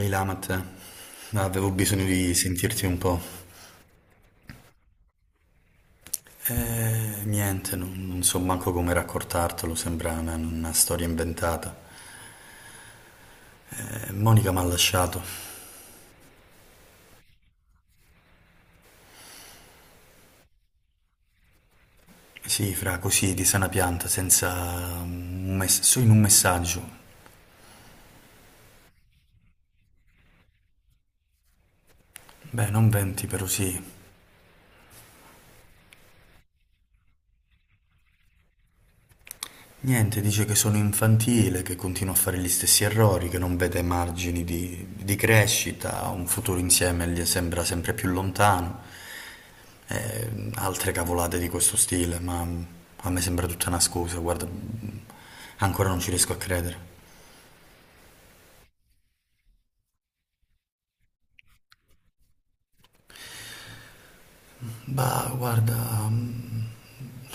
Ehi Lamat, avevo bisogno di sentirti un po'. Niente, non so manco come raccontartelo, sembra una storia inventata. Monica mi ha lasciato. Sì, fra così, di sana pianta, senza... solo in un messaggio. Beh, non venti, però sì. Niente, dice che sono infantile, che continua a fare gli stessi errori, che non vede margini di crescita, un futuro insieme gli sembra sempre più lontano, e altre cavolate di questo stile, ma a me sembra tutta una scusa, guarda, ancora non ci riesco a credere. Bah, guarda, mm,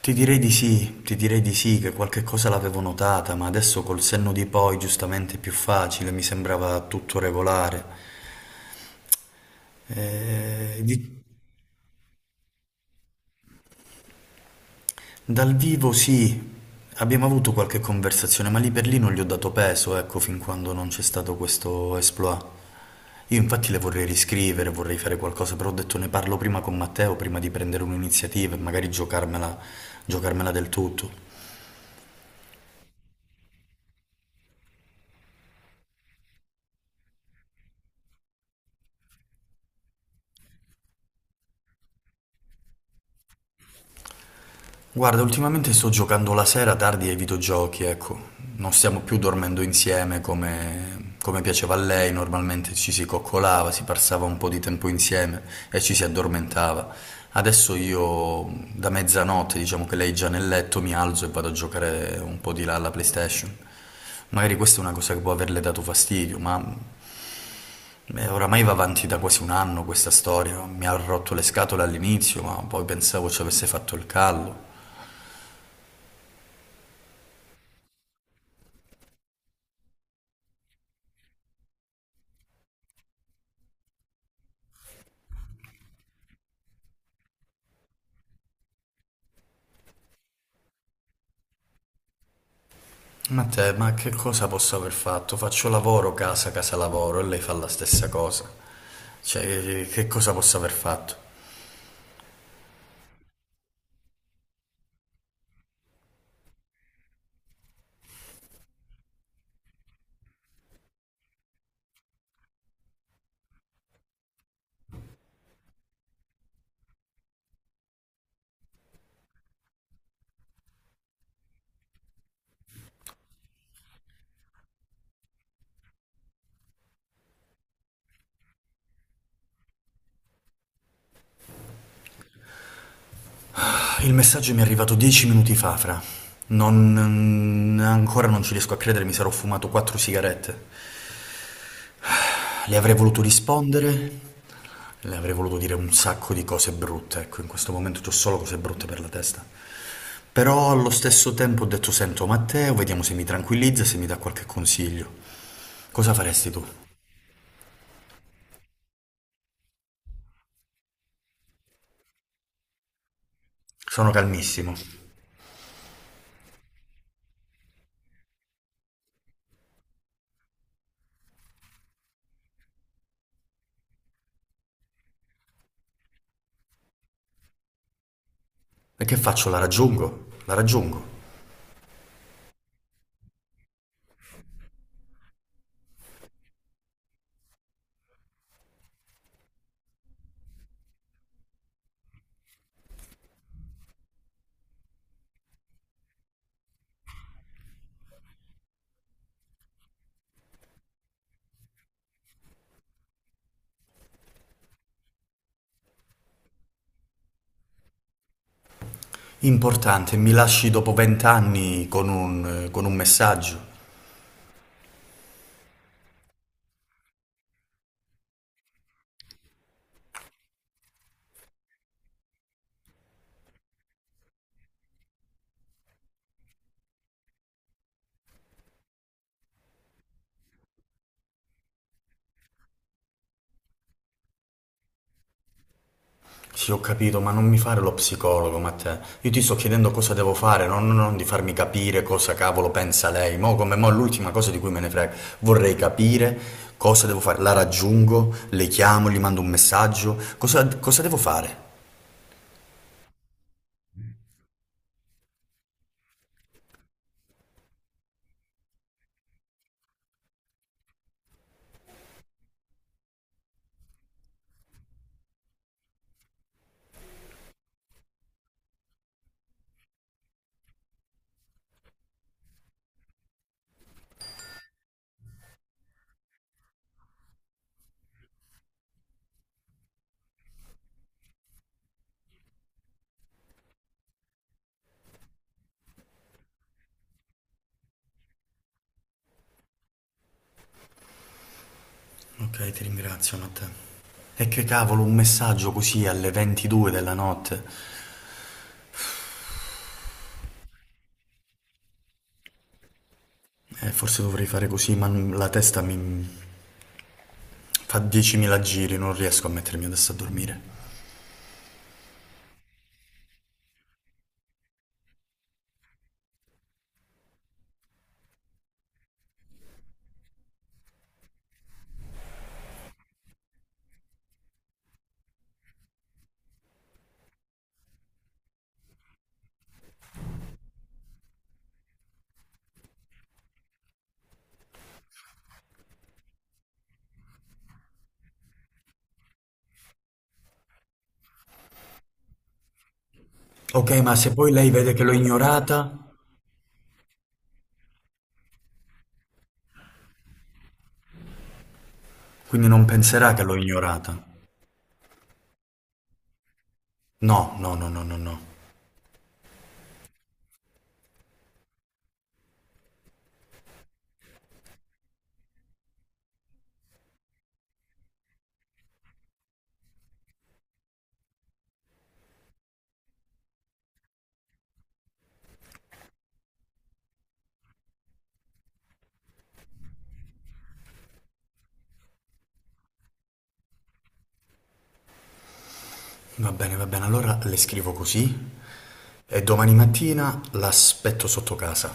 ti direi di sì, ti direi di sì, che qualche cosa l'avevo notata, ma adesso col senno di poi, giustamente è più facile, mi sembrava tutto regolare. Eh, di- Dal vivo sì, abbiamo avuto qualche conversazione, ma lì per lì non gli ho dato peso, ecco, fin quando non c'è stato questo exploit. Io infatti le vorrei riscrivere, vorrei fare qualcosa, però ho detto ne parlo prima con Matteo, prima di prendere un'iniziativa e magari giocarmela, giocarmela del tutto. Guarda, ultimamente sto giocando la sera tardi ai videogiochi, ecco. Non stiamo più dormendo insieme come, come piaceva a lei, normalmente ci si coccolava, si passava un po' di tempo insieme e ci si addormentava. Adesso io da mezzanotte, diciamo che lei è già nel letto, mi alzo e vado a giocare un po' di là alla PlayStation. Magari questa è una cosa che può averle dato fastidio, ma oramai va avanti da quasi un anno questa storia. Mi ha rotto le scatole all'inizio, ma poi pensavo ci avesse fatto il callo. Ma te, ma che cosa posso aver fatto? Faccio lavoro, casa, casa, lavoro e lei fa la stessa cosa. Cioè, che cosa posso aver fatto? Il messaggio mi è arrivato 10 minuti fa, fra. Non... ancora non ci riesco a credere, mi sarò fumato quattro sigarette. Le avrei voluto rispondere, le avrei voluto dire un sacco di cose brutte, ecco, in questo momento ho solo cose brutte per la testa. Però allo stesso tempo ho detto, sento Matteo, vediamo se mi tranquillizza, se mi dà qualche consiglio. Cosa faresti tu? Sono calmissimo. E che faccio? La raggiungo, la raggiungo. Importante, mi lasci dopo 20 anni con con un messaggio. Sì, ho capito, ma non mi fare lo psicologo, Matteo. Io ti sto chiedendo cosa devo fare, non di farmi capire cosa cavolo pensa lei. Mo' come mo' è l'ultima cosa di cui me ne frega. Vorrei capire cosa devo fare. La raggiungo, le chiamo, gli mando un messaggio. Cosa devo fare? Ok, ti ringrazio, Matteo. E che cavolo, un messaggio così alle 22 della notte? Forse dovrei fare così, la testa mi fa 10.000 giri, non riesco a mettermi adesso a dormire. Ok, ma se poi lei vede che l'ho ignorata, quindi non penserà che l'ho ignorata. No, no, no, no, no, no. Va bene, allora le scrivo così e domani mattina l'aspetto sotto casa.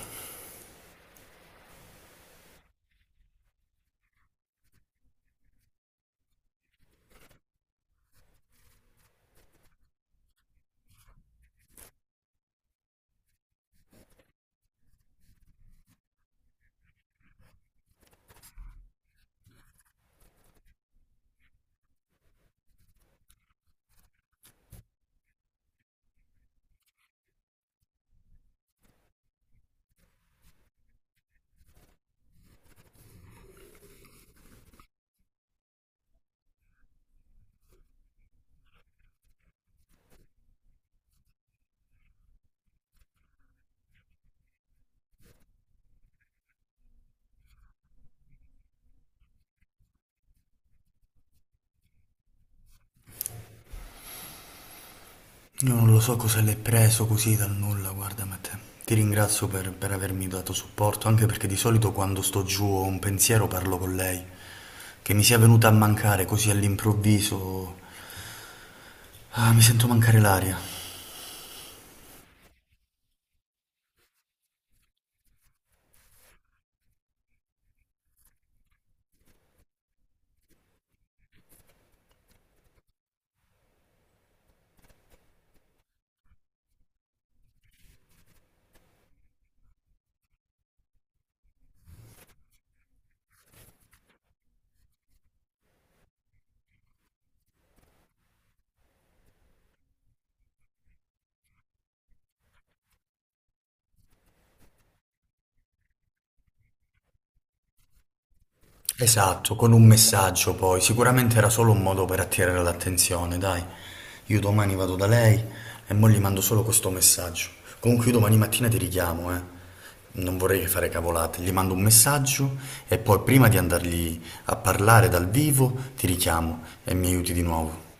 Io non lo so cosa l'hai preso così dal nulla, guarda Matteo. Ti ringrazio per avermi dato supporto, anche perché di solito quando sto giù ho un pensiero parlo con lei. Che mi sia venuta a mancare così all'improvviso. Ah, mi sento mancare l'aria. Esatto, con un messaggio poi, sicuramente era solo un modo per attirare l'attenzione, dai, io domani vado da lei e mo gli mando solo questo messaggio. Comunque io domani mattina ti richiamo, eh. Non vorrei fare cavolate, gli mando un messaggio e poi prima di andargli a parlare dal vivo ti richiamo e mi aiuti di nuovo.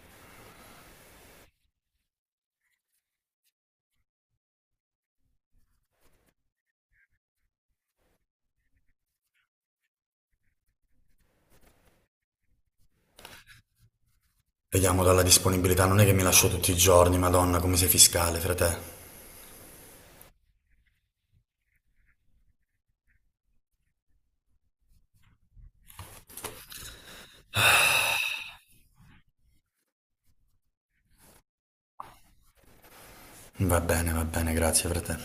Vediamo dalla disponibilità, non è che mi lascio tutti i giorni, Madonna, come sei fiscale, frate. Va bene, grazie, frate.